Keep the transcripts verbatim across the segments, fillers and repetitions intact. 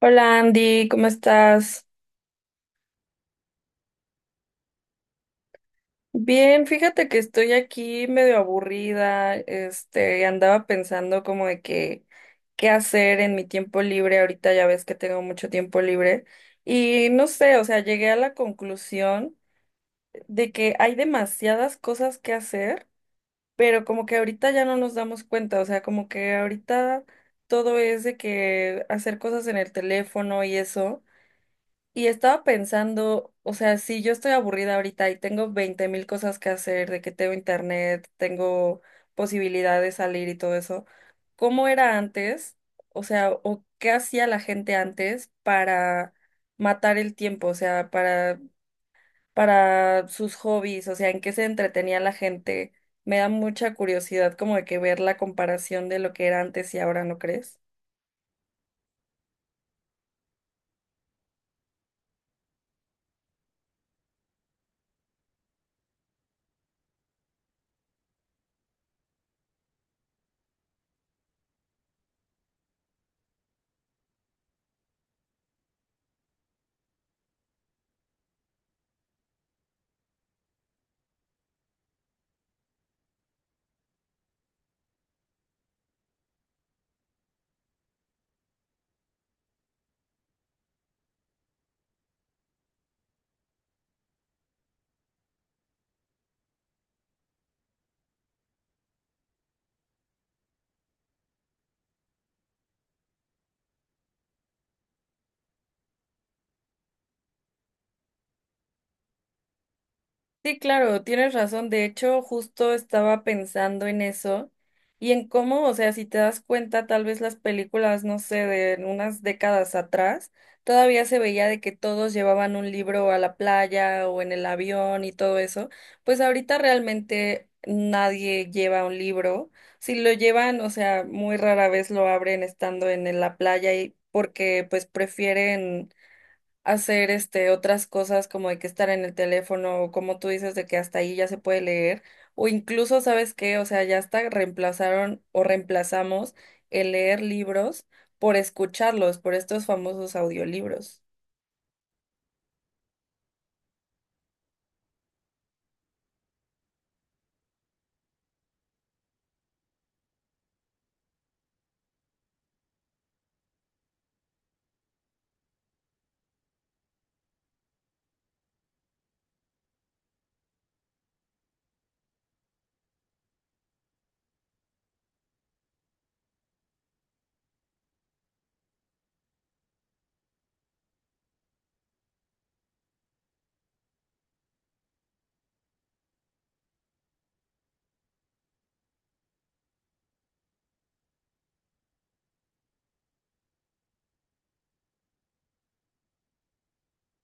Hola Andy, ¿cómo estás? Bien, fíjate que estoy aquí medio aburrida, este, andaba pensando como de que qué hacer en mi tiempo libre, ahorita ya ves que tengo mucho tiempo libre y no sé, o sea, llegué a la conclusión de que hay demasiadas cosas que hacer, pero como que ahorita ya no nos damos cuenta, o sea, como que ahorita todo es de que hacer cosas en el teléfono y eso. Y estaba pensando, o sea, si yo estoy aburrida ahorita y tengo veinte mil cosas que hacer, de que tengo internet, tengo posibilidad de salir y todo eso, ¿cómo era antes? O sea, ¿o qué hacía la gente antes para matar el tiempo? O sea, para, para sus hobbies, o sea, ¿en qué se entretenía la gente? Me da mucha curiosidad como de que ver la comparación de lo que era antes y ahora, ¿no crees? Sí, claro, tienes razón. De hecho, justo estaba pensando en eso y en cómo, o sea, si te das cuenta, tal vez las películas, no sé, de unas décadas atrás, todavía se veía de que todos llevaban un libro a la playa o en el avión y todo eso. Pues ahorita realmente nadie lleva un libro. Si lo llevan, o sea, muy rara vez lo abren estando en en la playa y porque pues prefieren hacer este otras cosas como de que estar en el teléfono o como tú dices de que hasta ahí ya se puede leer o incluso sabes qué, o sea, ya hasta reemplazaron o reemplazamos el leer libros por escucharlos, por estos famosos audiolibros.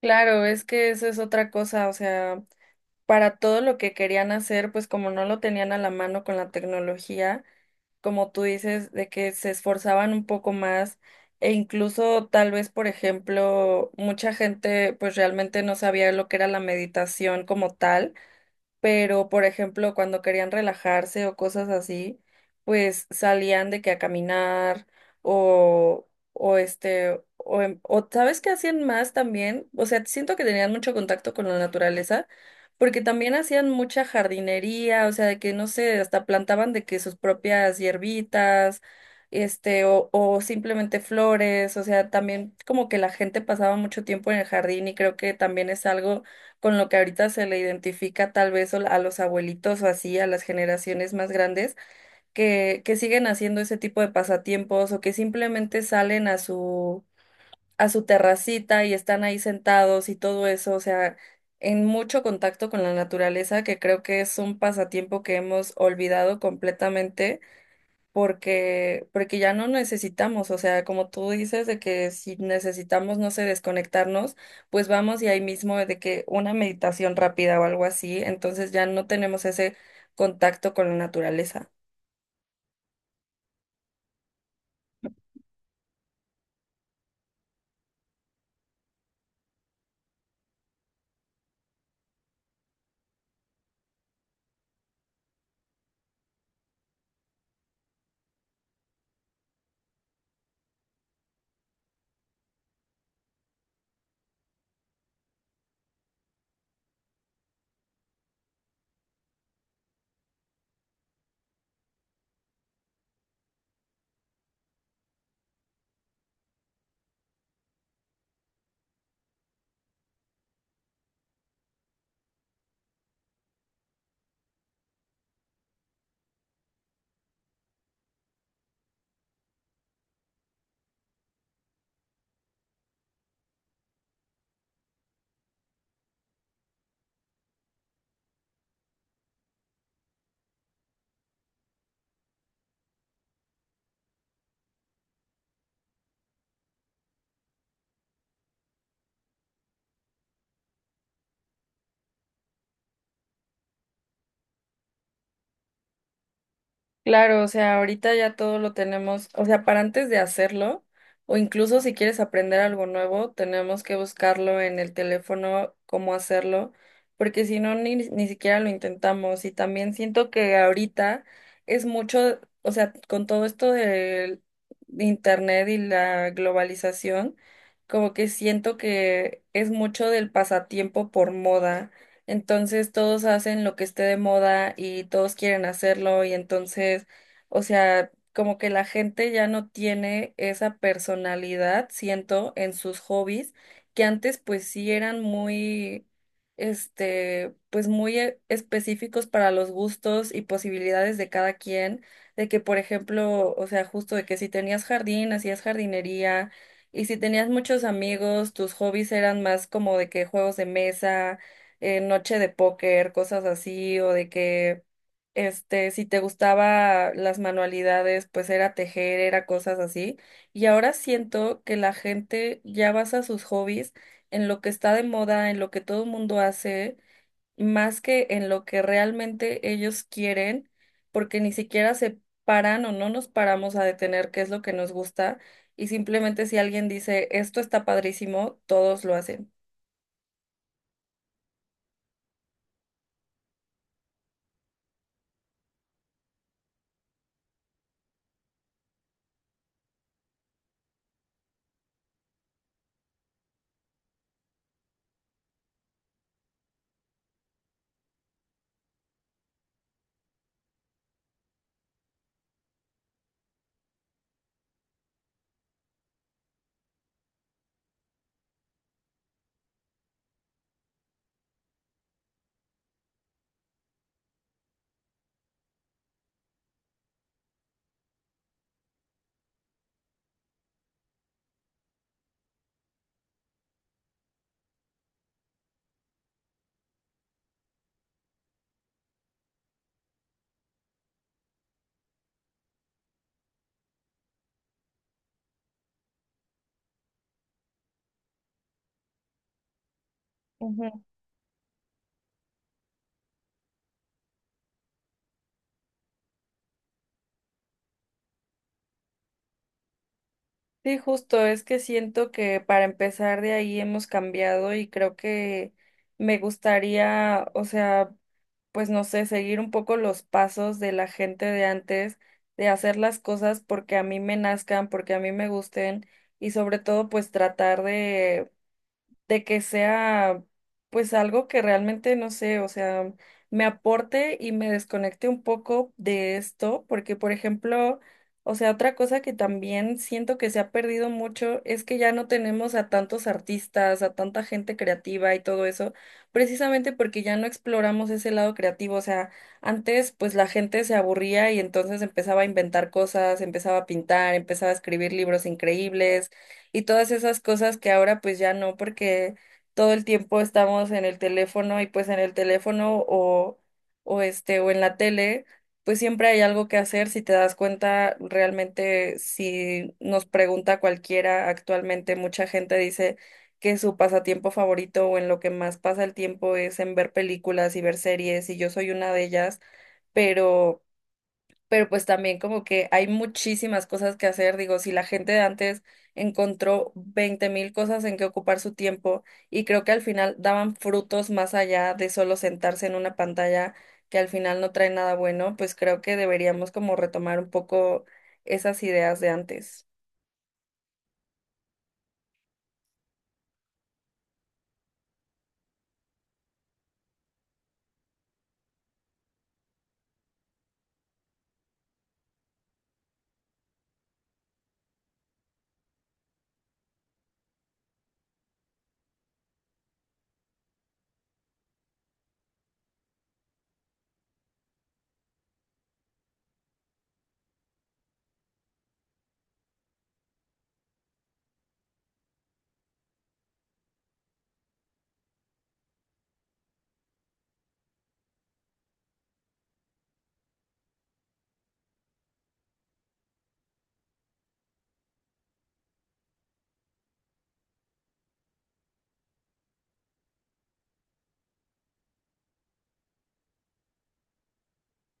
Claro, es que eso es otra cosa, o sea, para todo lo que querían hacer, pues como no lo tenían a la mano con la tecnología, como tú dices, de que se esforzaban un poco más e incluso tal vez, por ejemplo, mucha gente pues realmente no sabía lo que era la meditación como tal pero por ejemplo, cuando querían relajarse o cosas así, pues salían de que a caminar o, o este, o, en- o ¿sabes qué hacían más también? O sea, siento que tenían mucho contacto con la naturaleza, porque también hacían mucha jardinería, o sea, de que no sé, hasta plantaban de que sus propias hierbitas. Este, o, o simplemente flores, o sea, también como que la gente pasaba mucho tiempo en el jardín y creo que también es algo con lo que ahorita se le identifica tal vez o- a los abuelitos o así, a las generaciones más grandes, que, que siguen haciendo ese tipo de pasatiempos o que simplemente salen a su, a su terracita y están ahí sentados y todo eso, o sea, en mucho contacto con la naturaleza, que creo que es un pasatiempo que hemos olvidado completamente porque, porque ya no necesitamos, o sea, como tú dices, de que si necesitamos, no sé, desconectarnos, pues vamos y ahí mismo de que una meditación rápida o algo así, entonces ya no tenemos ese contacto con la naturaleza. Claro, o sea, ahorita ya todo lo tenemos, o sea, para antes de hacerlo, o incluso si quieres aprender algo nuevo, tenemos que buscarlo en el teléfono, cómo hacerlo, porque si no, ni, ni siquiera lo intentamos. Y también siento que ahorita es mucho, o sea, con todo esto del internet y la globalización, como que siento que es mucho del pasatiempo por moda. Entonces todos hacen lo que esté de moda y todos quieren hacerlo y entonces, o sea, como que la gente ya no tiene esa personalidad, siento, en sus hobbies, que antes pues sí eran muy, este, pues muy e- específicos para los gustos y posibilidades de cada quien, de que por ejemplo, o sea, justo de que si tenías jardín, hacías jardinería. Y si tenías muchos amigos, tus hobbies eran más como de que juegos de mesa, eh, noche de póker, cosas así, o de que, este, si te gustaba las manualidades, pues era tejer, era cosas así. Y ahora siento que la gente ya basa sus hobbies en lo que está de moda, en lo que todo el mundo hace, más que en lo que realmente ellos quieren, porque ni siquiera se paran o no nos paramos a detener qué es lo que nos gusta. Y simplemente si alguien dice, esto está padrísimo, todos lo hacen. Sí, justo, es que siento que para empezar de ahí hemos cambiado y creo que me gustaría, o sea, pues no sé, seguir un poco los pasos de la gente de antes, de hacer las cosas porque a mí me nazcan, porque a mí me gusten y sobre todo pues tratar de de que sea pues algo que realmente no sé, o sea, me aporte y me desconecte un poco de esto, porque por ejemplo, o sea, otra cosa que también siento que se ha perdido mucho es que ya no tenemos a tantos artistas, a tanta gente creativa y todo eso, precisamente porque ya no exploramos ese lado creativo, o sea, antes pues la gente se aburría y entonces empezaba a inventar cosas, empezaba a pintar, empezaba a escribir libros increíbles y todas esas cosas que ahora pues ya no, porque todo el tiempo estamos en el teléfono y pues en el teléfono o, o este o en la tele, pues siempre hay algo que hacer si te das cuenta realmente si nos pregunta cualquiera actualmente mucha gente dice que su pasatiempo favorito o en lo que más pasa el tiempo es en ver películas y ver series y yo soy una de ellas, pero pero pues también como que hay muchísimas cosas que hacer. Digo, si la gente de antes encontró veinte mil cosas en que ocupar su tiempo y creo que al final daban frutos más allá de solo sentarse en una pantalla que al final no trae nada bueno, pues creo que deberíamos como retomar un poco esas ideas de antes.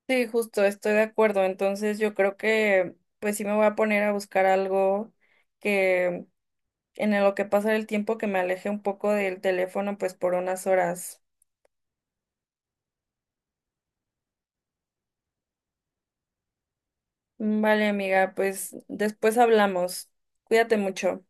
Sí, justo, estoy de acuerdo. Entonces yo creo que pues sí me voy a poner a buscar algo que en lo que pasa el tiempo que me aleje un poco del teléfono pues por unas horas. Vale, amiga, pues después hablamos. Cuídate mucho.